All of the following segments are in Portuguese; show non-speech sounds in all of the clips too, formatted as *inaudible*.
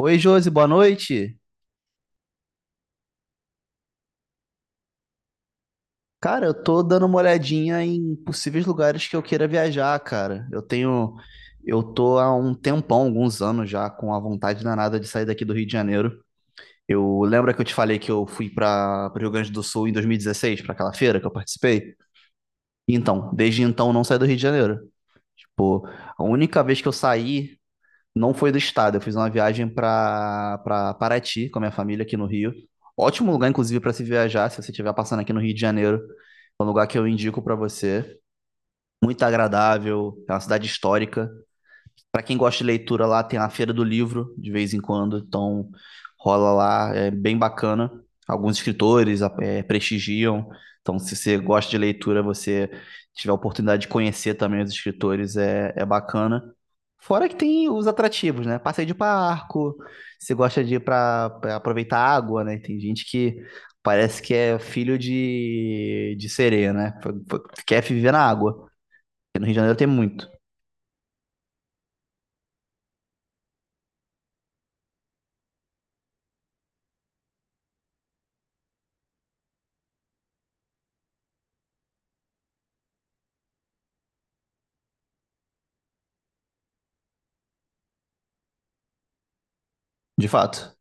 Oi, Josi, boa noite. Cara, eu tô dando uma olhadinha em possíveis lugares que eu queira viajar, cara. Eu tô há um tempão, alguns anos já, com a vontade danada de sair daqui do Rio de Janeiro. Eu lembra que eu te falei que eu fui para o Rio Grande do Sul em 2016 para aquela feira que eu participei? Então, desde então eu não saí do Rio de Janeiro. Tipo, a única vez que eu saí não foi do estado, eu fiz uma viagem para Paraty com a minha família aqui no Rio. Ótimo lugar, inclusive, para se viajar, se você estiver passando aqui no Rio de Janeiro. Um lugar que eu indico para você. Muito agradável, é uma cidade histórica. Para quem gosta de leitura lá, tem a Feira do Livro de vez em quando, então rola lá, é bem bacana. Alguns escritores prestigiam, então se você gosta de leitura, você tiver a oportunidade de conhecer também os escritores, é bacana. Fora que tem os atrativos, né? Passeio de barco, você gosta de ir para aproveitar a água, né? Tem gente que parece que é filho de sereia, né? Quer viver na água. No Rio de Janeiro tem muito, de fato.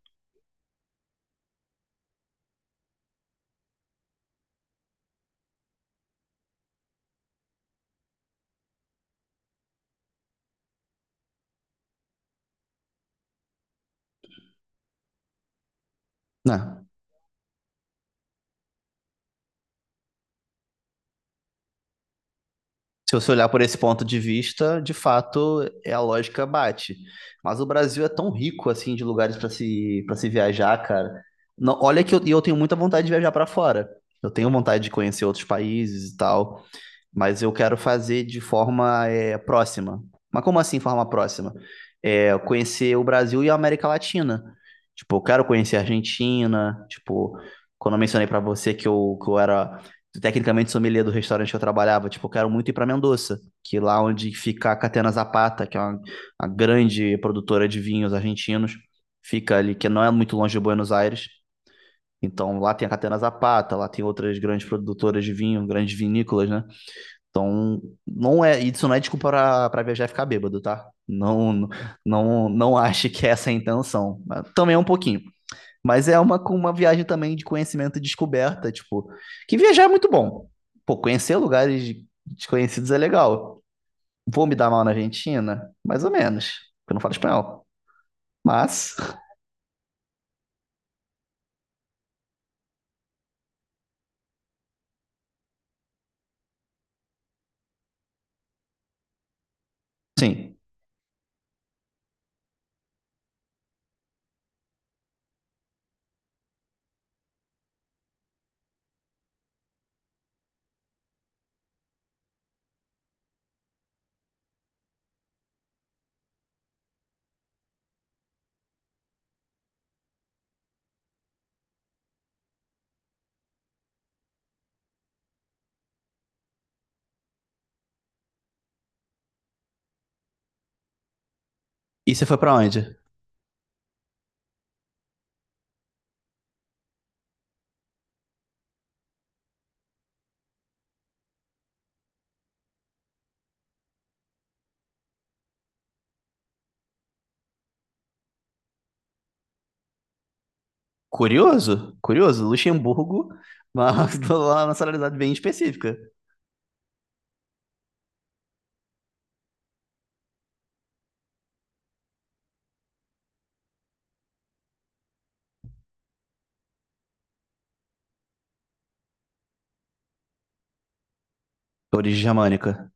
Né? Se você olhar por esse ponto de vista, de fato, é a lógica bate. Mas o Brasil é tão rico assim de lugares para se viajar, cara. Olha que eu tenho muita vontade de viajar para fora. Eu tenho vontade de conhecer outros países e tal mas eu quero fazer de forma próxima. Mas como assim forma próxima? É, conhecer o Brasil e a América Latina. Tipo, eu quero conhecer a Argentina, tipo, quando eu mencionei para você que eu era tecnicamente sommelier do restaurante que eu trabalhava, tipo, eu quero muito ir para Mendoza, que é lá onde fica a Catena Zapata, que é uma grande produtora de vinhos argentinos, fica ali, que não é muito longe de Buenos Aires. Então, lá tem a Catena Zapata, lá tem outras grandes produtoras de vinho, grandes vinícolas, né? Então, isso não é desculpa pra viajar e ficar bêbado, tá? Não, não, não ache que essa é a intenção. Mas também é um pouquinho. Mas é uma viagem também de conhecimento e descoberta, tipo, que viajar é muito bom. Pô, conhecer lugares desconhecidos é legal. Vou me dar mal na Argentina? Mais ou menos, porque eu não falo espanhol. Mas, sim. E você foi pra onde? Curioso? Curioso? Luxemburgo, mas *laughs* lá na nacionalidade bem específica. Origem germânica.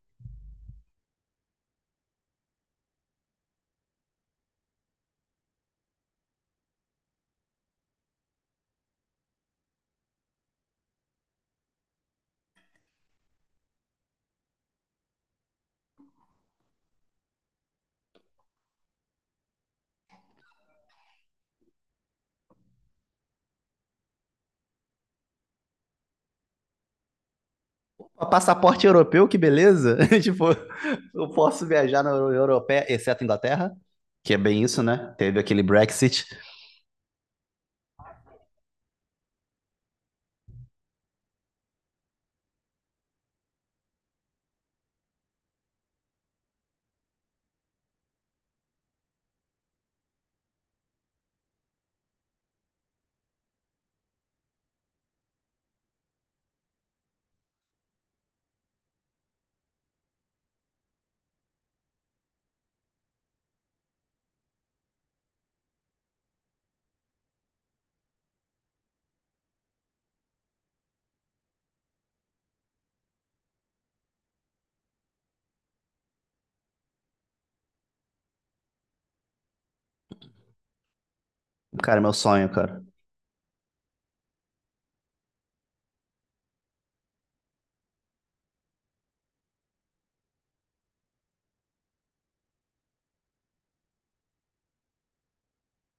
Ó, passaporte europeu, que beleza! *laughs* Tipo, eu posso viajar na Europeia, exceto Inglaterra, que é bem isso, né? Teve aquele Brexit. Cara, meu sonho, cara.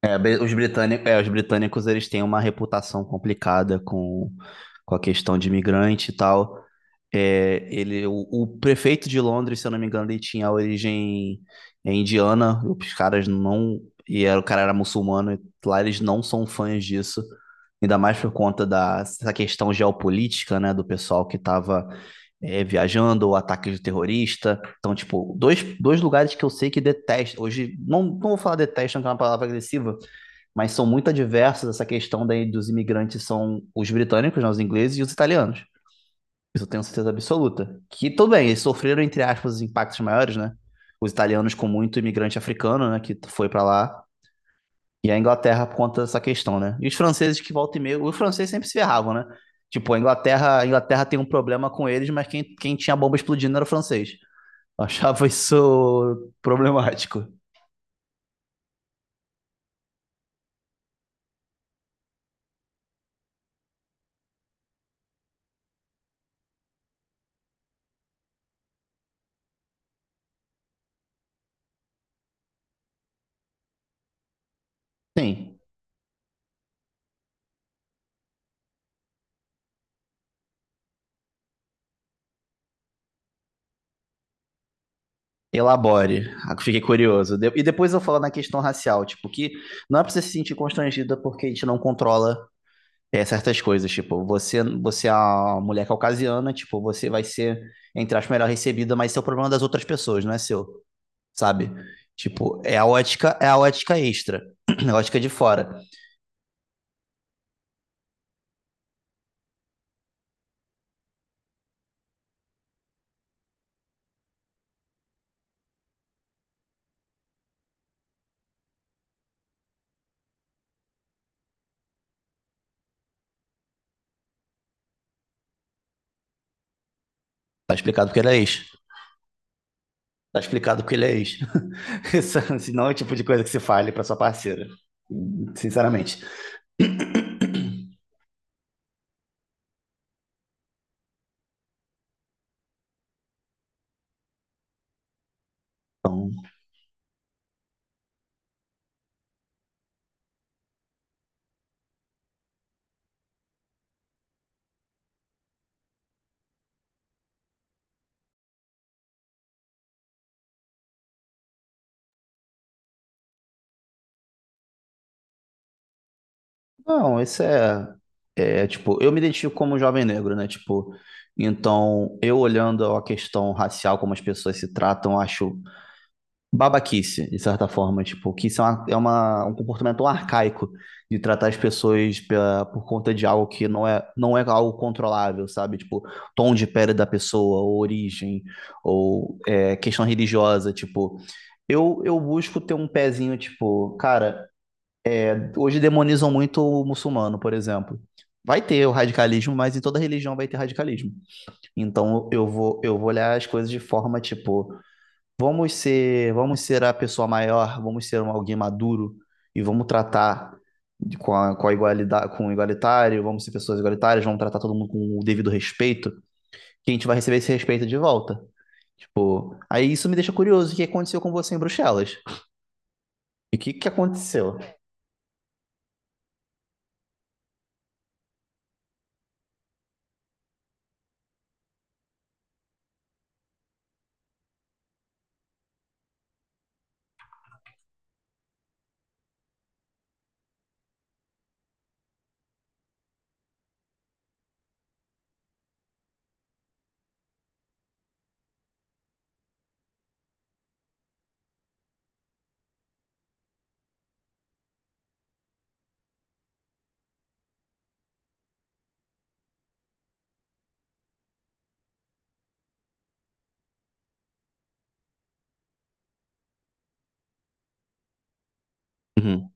Os britânicos, eles têm uma reputação complicada com a questão de imigrante e tal. O prefeito de Londres, se eu não me engano, ele tinha origem indiana. Os caras não. O cara era muçulmano. E lá eles não são fãs disso. Ainda mais por conta dessa questão geopolítica, né? Do pessoal que estava viajando, o ataque de terrorista. Então, tipo, dois lugares que eu sei que detestam. Hoje, não, não vou falar detestam, que é uma palavra agressiva mas são muito adversas essa questão daí dos imigrantes são os britânicos, né, os ingleses e os italianos. Isso eu tenho certeza absoluta. Que tudo bem, eles sofreram, entre aspas, os impactos maiores, né? Os italianos com muito imigrante africano, né, que foi para lá, e a Inglaterra por conta dessa questão, né? E os franceses que volta e meio, os franceses sempre se ferravam, né? Tipo, a Inglaterra tem um problema com eles, mas quem tinha a bomba explodindo era o francês. Eu achava isso problemático. Sim, elabore. Ah, fiquei curioso. E depois eu falo na questão racial, tipo, que não é pra você se sentir constrangida porque a gente não controla certas coisas. Tipo, você é uma mulher caucasiana, tipo, você vai ser, entre aspas, melhor recebida, mas isso é o problema das outras pessoas, não é seu, sabe? Tipo, é a ótica extra, *clears throat* a ótica de fora. Tá explicado porque ele é ex. Tá explicado porque ele é ex. *laughs* Isso, senão é o tipo de coisa que se fale pra sua parceira. Sinceramente. Não, isso tipo, eu me identifico como um jovem negro, né? Tipo, então eu olhando a questão racial, como as pessoas se tratam, eu acho babaquice, de certa forma, tipo, que isso é, um comportamento tão arcaico de tratar as pessoas por conta de algo que não é algo controlável, sabe? Tipo, tom de pele da pessoa, ou origem, ou questão religiosa, tipo, eu busco ter um pezinho, tipo, cara. Hoje demonizam muito o muçulmano, por exemplo. Vai ter o radicalismo, mas em toda religião vai ter radicalismo. Então eu vou olhar as coisas de forma tipo, vamos ser a pessoa maior, vamos ser um alguém maduro e vamos tratar com a igualdade, com o igualitário, vamos ser pessoas igualitárias, vamos tratar todo mundo com o devido respeito, que a gente vai receber esse respeito de volta. Tipo, aí isso me deixa curioso, o que aconteceu com você em Bruxelas? E o que que aconteceu? Uhum.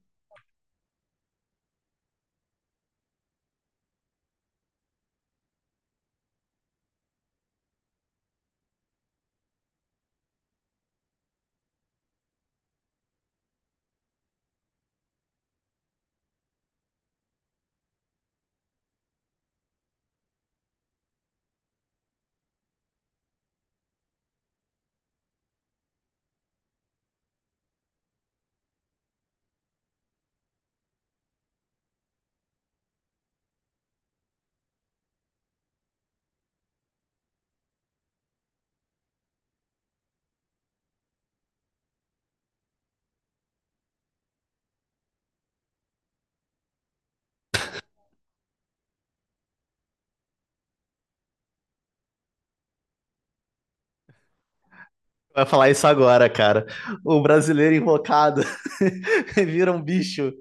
Vai falar isso agora, cara. O brasileiro invocado *laughs* vira um bicho.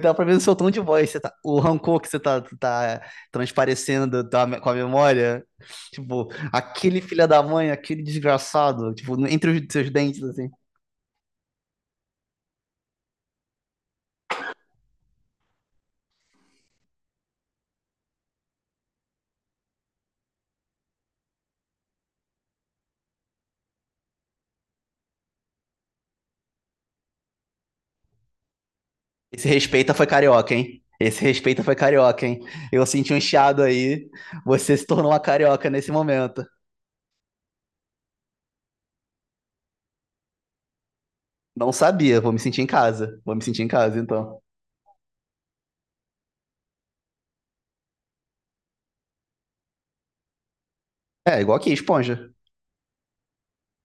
Dá pra ver o seu tom de voz. O rancor que você tá transparecendo tá, com a memória. Tipo, aquele filho da mãe, aquele desgraçado. Tipo, entre os seus dentes, assim. Esse respeita foi carioca, hein? Esse respeita foi carioca, hein? Eu senti um chiado aí. Você se tornou uma carioca nesse momento. Não sabia. Vou me sentir em casa. Vou me sentir em casa, então. É, igual aqui, esponja.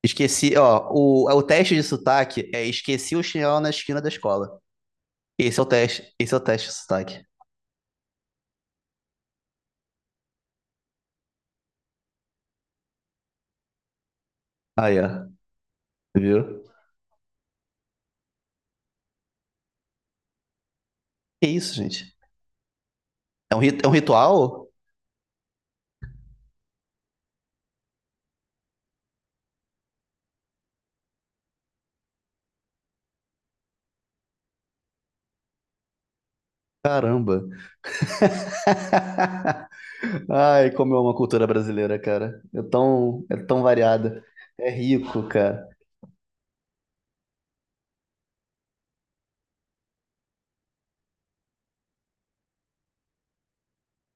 Esqueci, ó, é o teste de sotaque é esqueci o chinelo na esquina da escola. Esse é o teste de sotaque. Aí, ó, viu? Que isso, gente? É um ritual? Caramba. *laughs* Ai, como é uma cultura brasileira, cara. É tão variada. É rico, cara.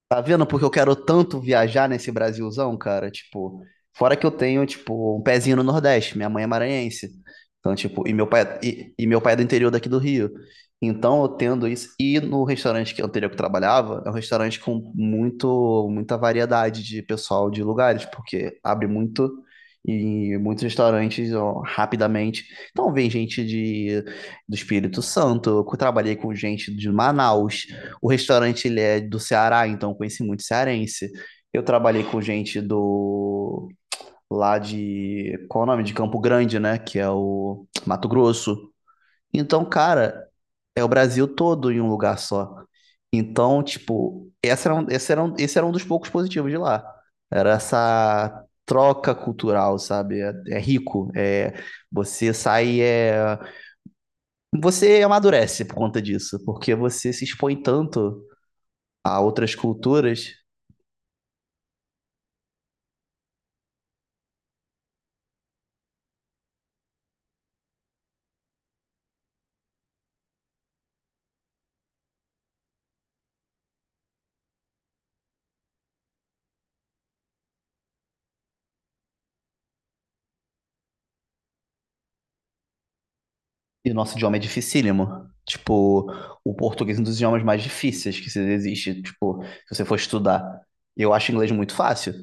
Tá vendo? Porque eu quero tanto viajar nesse Brasilzão, cara. Tipo, fora que eu tenho, tipo, um pezinho no Nordeste. Minha mãe é maranhense. Então, tipo, e meu pai é do interior daqui do Rio. Então, eu tendo isso. E no restaurante que anterior que eu trabalhava, é um restaurante com muita variedade de pessoal de lugares, porque abre muito e muitos restaurantes ó, rapidamente. Então, vem gente do Espírito Santo. Eu trabalhei com gente de Manaus. O restaurante ele é do Ceará, então eu conheci muito cearense. Eu trabalhei com gente do lá de qual é o nome? De Campo Grande, né? Que é o Mato Grosso. Então, cara, é o Brasil todo em um lugar só. Então, tipo, essa era um, esse era um, esse era um dos poucos positivos de lá. Era essa troca cultural, sabe? É rico. Você sai, é, você amadurece por conta disso, porque você se expõe tanto a outras culturas. E o nosso idioma é dificílimo. Tipo, o português é um dos idiomas mais difíceis que existe. Tipo, se você for estudar. Eu acho inglês muito fácil.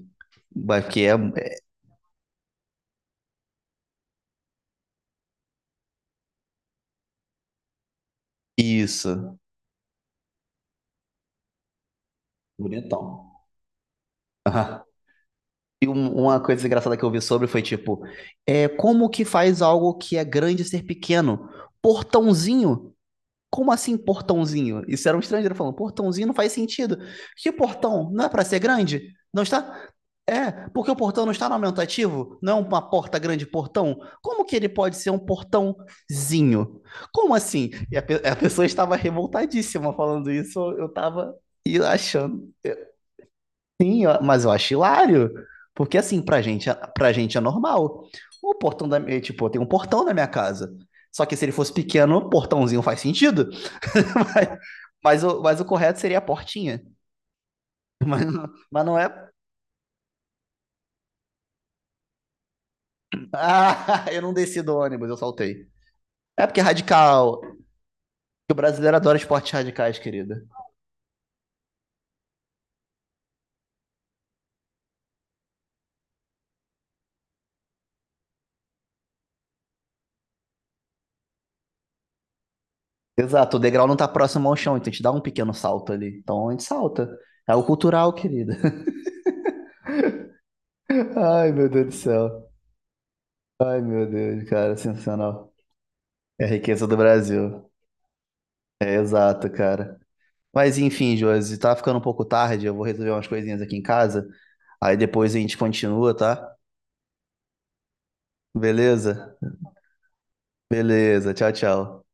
Mas porque é isso. Bonitão. *laughs* Aham. E uma coisa engraçada que eu vi sobre foi tipo, é como que faz algo que é grande ser pequeno? Portãozinho. Como assim portãozinho? Isso era um estrangeiro falando, portãozinho não faz sentido. Que portão? Não é para ser grande? Não está? É, porque o portão não está no aumentativo? Não é uma porta grande portão? Como que ele pode ser um portãozinho? Como assim? E a pessoa estava revoltadíssima falando isso, eu estava achando. Sim, ó, mas eu acho hilário. Porque assim, pra gente, pra gente é normal. O portão tipo, eu tenho um portão na minha casa. Só que se ele fosse pequeno, portãozinho faz sentido. *laughs* Mas o correto seria a portinha. Mas não é. Ah, *laughs* eu não desci do ônibus, eu saltei. É porque é radical. O brasileiro adora esportes radicais, querida. Exato, o degrau não tá próximo ao chão, então a gente dá um pequeno salto ali. Então a gente salta. É o cultural, querida. *laughs* Ai, meu Deus do céu. Ai, meu Deus, cara, sensacional. É a riqueza do Brasil. É exato, cara. Mas enfim, Josi, tá ficando um pouco tarde, eu vou resolver umas coisinhas aqui em casa. Aí depois a gente continua, tá? Beleza? Beleza, tchau, tchau.